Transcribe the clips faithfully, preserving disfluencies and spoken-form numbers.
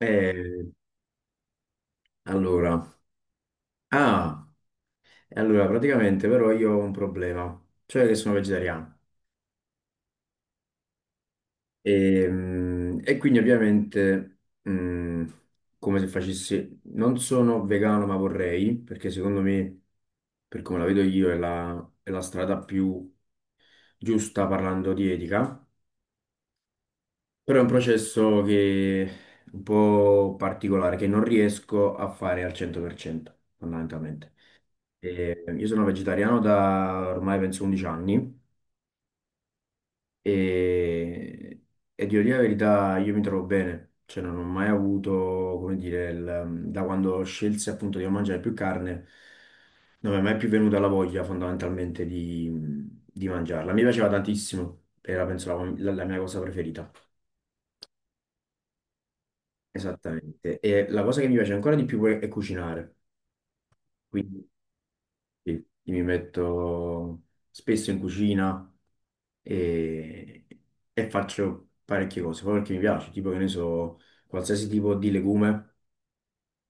Eh, allora, ah, e allora praticamente però io ho un problema, cioè che sono vegetariano e, mm, e quindi ovviamente mm, come se facessi, non sono vegano ma vorrei, perché secondo me, per come la vedo io, è la, è la strada più giusta parlando di etica, però è un processo che è un po' particolare, che non riesco a fare al cento per cento, fondamentalmente. E io sono vegetariano da ormai penso undici anni e, e devo dire la verità, io mi trovo bene, cioè non ho mai avuto, come dire, il- da quando scelsi appunto di non mangiare più carne, non mi è mai più venuta la voglia fondamentalmente di, di mangiarla. Mi piaceva tantissimo, era penso la, la- la mia cosa preferita, esattamente. E la cosa che mi piace ancora di più è cucinare, quindi sì, mi metto spesso in cucina. e, e faccio parecchie cose, poi perché mi piace, tipo che ne so, qualsiasi tipo di legume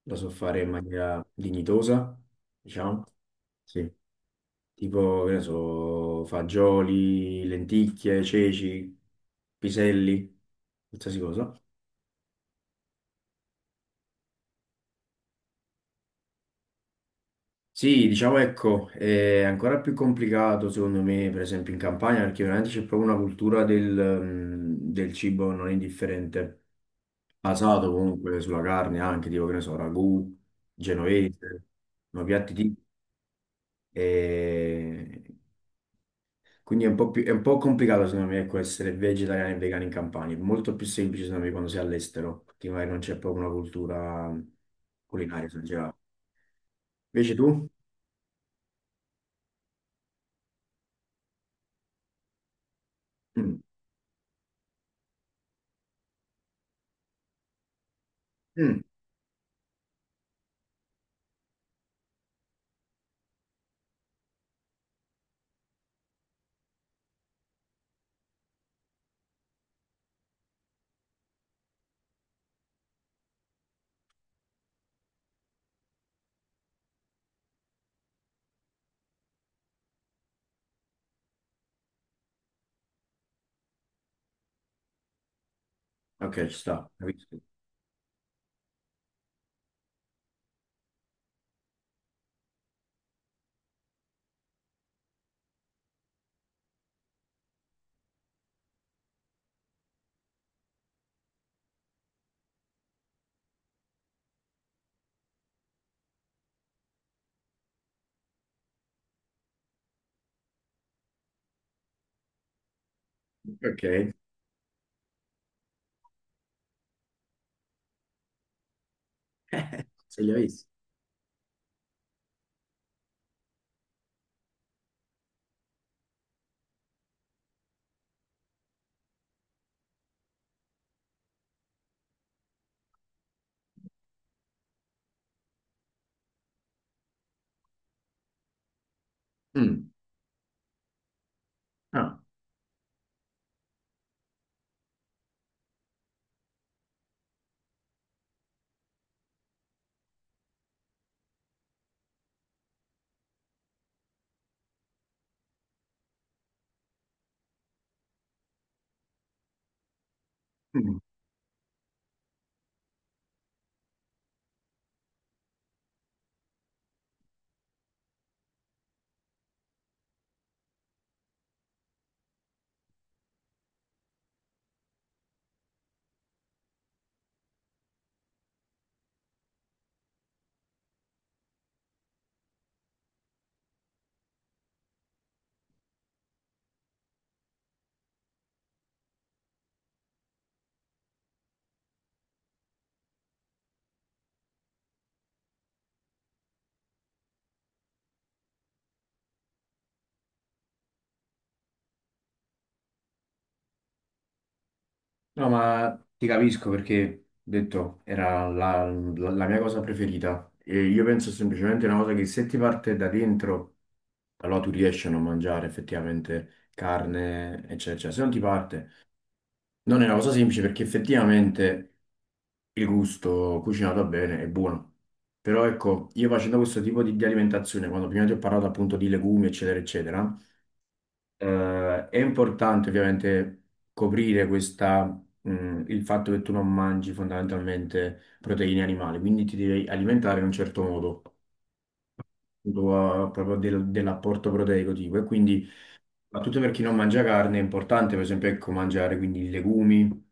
lo so fare in maniera dignitosa, diciamo, sì, tipo che ne so, fagioli, lenticchie, ceci, piselli, qualsiasi cosa. Sì, diciamo ecco, è ancora più complicato secondo me, per esempio in Campania, perché veramente c'è proprio una cultura del, mm, del cibo non indifferente, basato comunque sulla carne anche, tipo che ne so, ragù, genovese, no, piatti tipici. e Quindi è un po' più- è un po' complicato secondo me ecco, essere vegetariani e vegani in Campania, è molto più semplice secondo me quando sei all'estero, perché magari non c'è proprio una cultura culinaria, in generale. Invece tu? Mm. Mm. Ok, ci sta, capisco. Ok, se li avessi. Mm. Ah, mm. No, ma ti capisco perché, ho detto, era la, la- la mia cosa preferita. E io penso semplicemente una cosa che se ti parte da dentro, allora tu riesci a non mangiare effettivamente carne, eccetera, eccetera. Se non ti parte, non è una cosa semplice perché effettivamente il gusto cucinato bene è buono. Però ecco, io facendo questo tipo di, di alimentazione, quando prima ti ho parlato appunto di legumi, eccetera, eccetera, eh, è importante ovviamente coprire questa, mh, il fatto che tu non mangi fondamentalmente proteine animali, quindi ti devi alimentare in un certo modo, tu, eh, proprio del- dell'apporto proteico tipo. E quindi, soprattutto per chi non mangia carne, è importante per esempio ecco, mangiare quindi legumi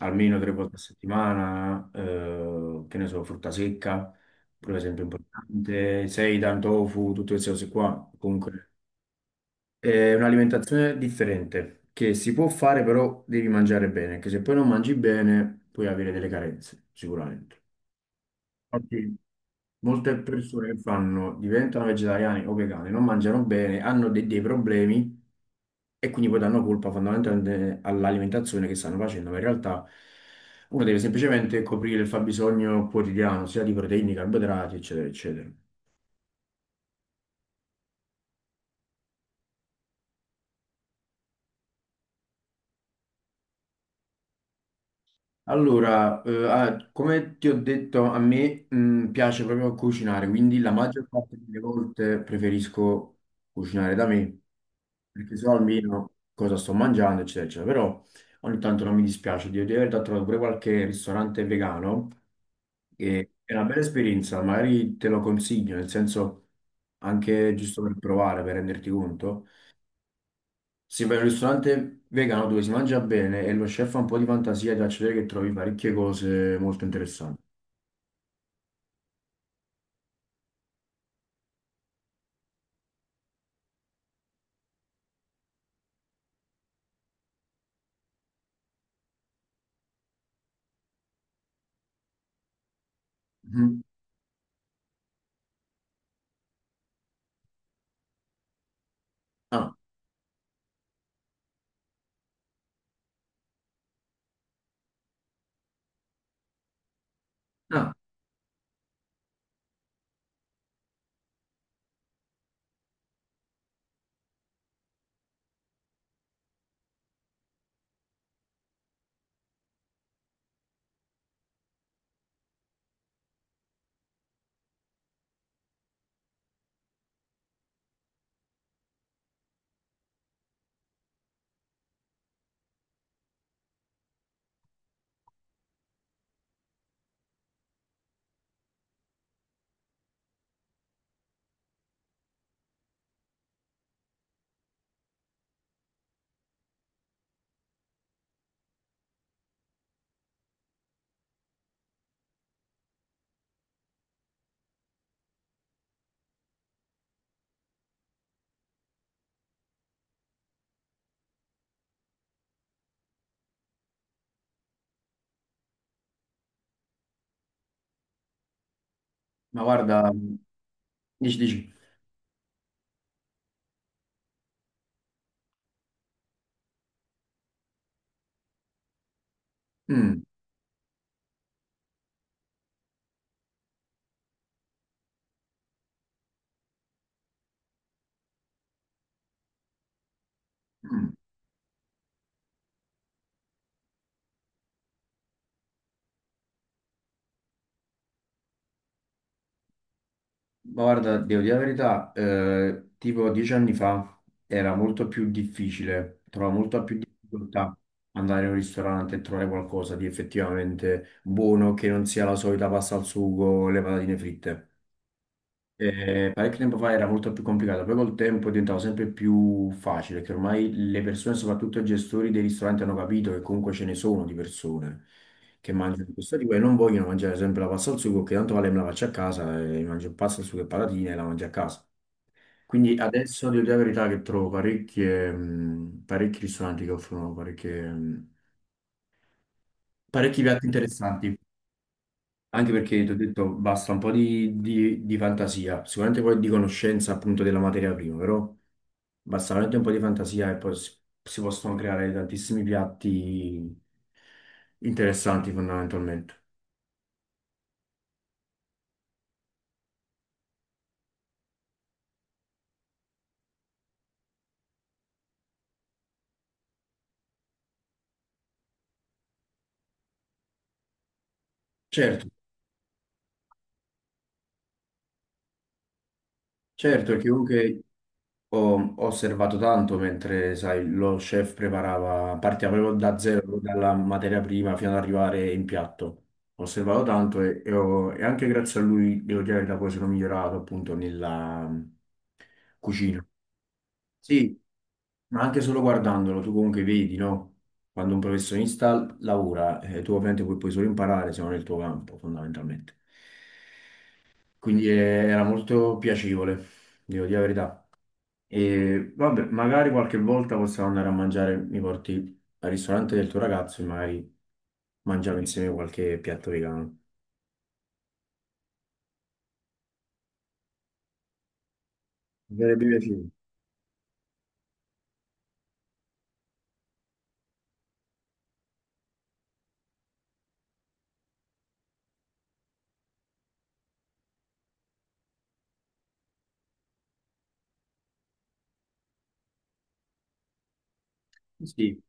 almeno tre volte a settimana, eh, che ne so, frutta secca, per esempio è importante, seitan, tofu, tutte queste cose qua, comunque è un'alimentazione differente che si può fare, però devi mangiare bene, che se poi non mangi bene puoi avere delle carenze, sicuramente. Infatti, molte persone che fanno, diventano vegetariani o vegani, non mangiano bene, hanno de- dei problemi e quindi poi danno colpa fondamentalmente all'alimentazione che stanno facendo, ma in realtà uno deve semplicemente coprire il fabbisogno quotidiano, sia di proteine, carboidrati, eccetera, eccetera. Allora, eh, ah, come ti ho detto, a me mh, piace proprio cucinare, quindi la maggior parte delle volte preferisco cucinare da me, perché so almeno cosa sto mangiando, eccetera, eccetera. Però ogni tanto non mi dispiace di, di aver trovato pure qualche ristorante vegano, che è una bella esperienza, magari te lo consiglio, nel senso anche giusto per provare, per renderti conto. Sì, per un ristorante vegano dove si mangia bene e lo chef ha un po' di fantasia, ti faccio vedere che trovi parecchie cose molto interessanti. Mhm. Ah, ah, ma guarda, dici, dici, mm, mm, ma guarda, devo dire la verità, eh, tipo dieci anni fa era molto più difficile, trovavo molta più difficoltà andare in un ristorante e trovare qualcosa di effettivamente buono che non sia la solita pasta al sugo o le patatine fritte. Eh, parecchio tempo fa era molto più complicato, poi col tempo diventava sempre più facile, che ormai le persone, soprattutto i gestori dei ristoranti, hanno capito che comunque ce ne sono di persone che mangiano questo tipo e non vogliono mangiare sempre la pasta al sugo, che tanto vale me la faccio a casa e mangio pasta al sugo e patatine e la mangio a casa. Quindi adesso devo dire la verità che trovo parecchie, mh, parecchi ristoranti che offrono parecchie, mh, parecchi piatti interessanti. Anche perché ti ho detto basta un po' di, di- di fantasia, sicuramente poi di conoscenza appunto della materia prima, però. Basta veramente un po' di fantasia e poi si, si possono creare tantissimi piatti interessanti fondamentalmente. Certo, certo, perché comunque ho, ho osservato tanto mentre, sai, lo chef preparava, partiva proprio da zero, proprio dalla materia prima fino ad arrivare in piatto. Ho osservato tanto e, e ho- e anche grazie a lui, devo dire la verità, poi sono migliorato appunto nella mm, cucina. Sì, ma anche solo guardandolo, tu comunque vedi, no? Quando un professionista lavora, eh, tu ovviamente puoi, puoi solo imparare se non è il tuo campo, fondamentalmente. Quindi eh, era molto piacevole, devo dire la verità. E vabbè, magari qualche volta possiamo andare a mangiare, mi porti al ristorante del tuo ragazzo e magari mangiamo insieme qualche piatto vegano. Mi sarebbe piacevole. Sì.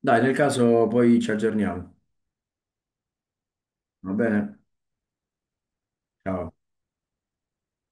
Dai, nel caso poi ci aggiorniamo. Va bene? Ciao.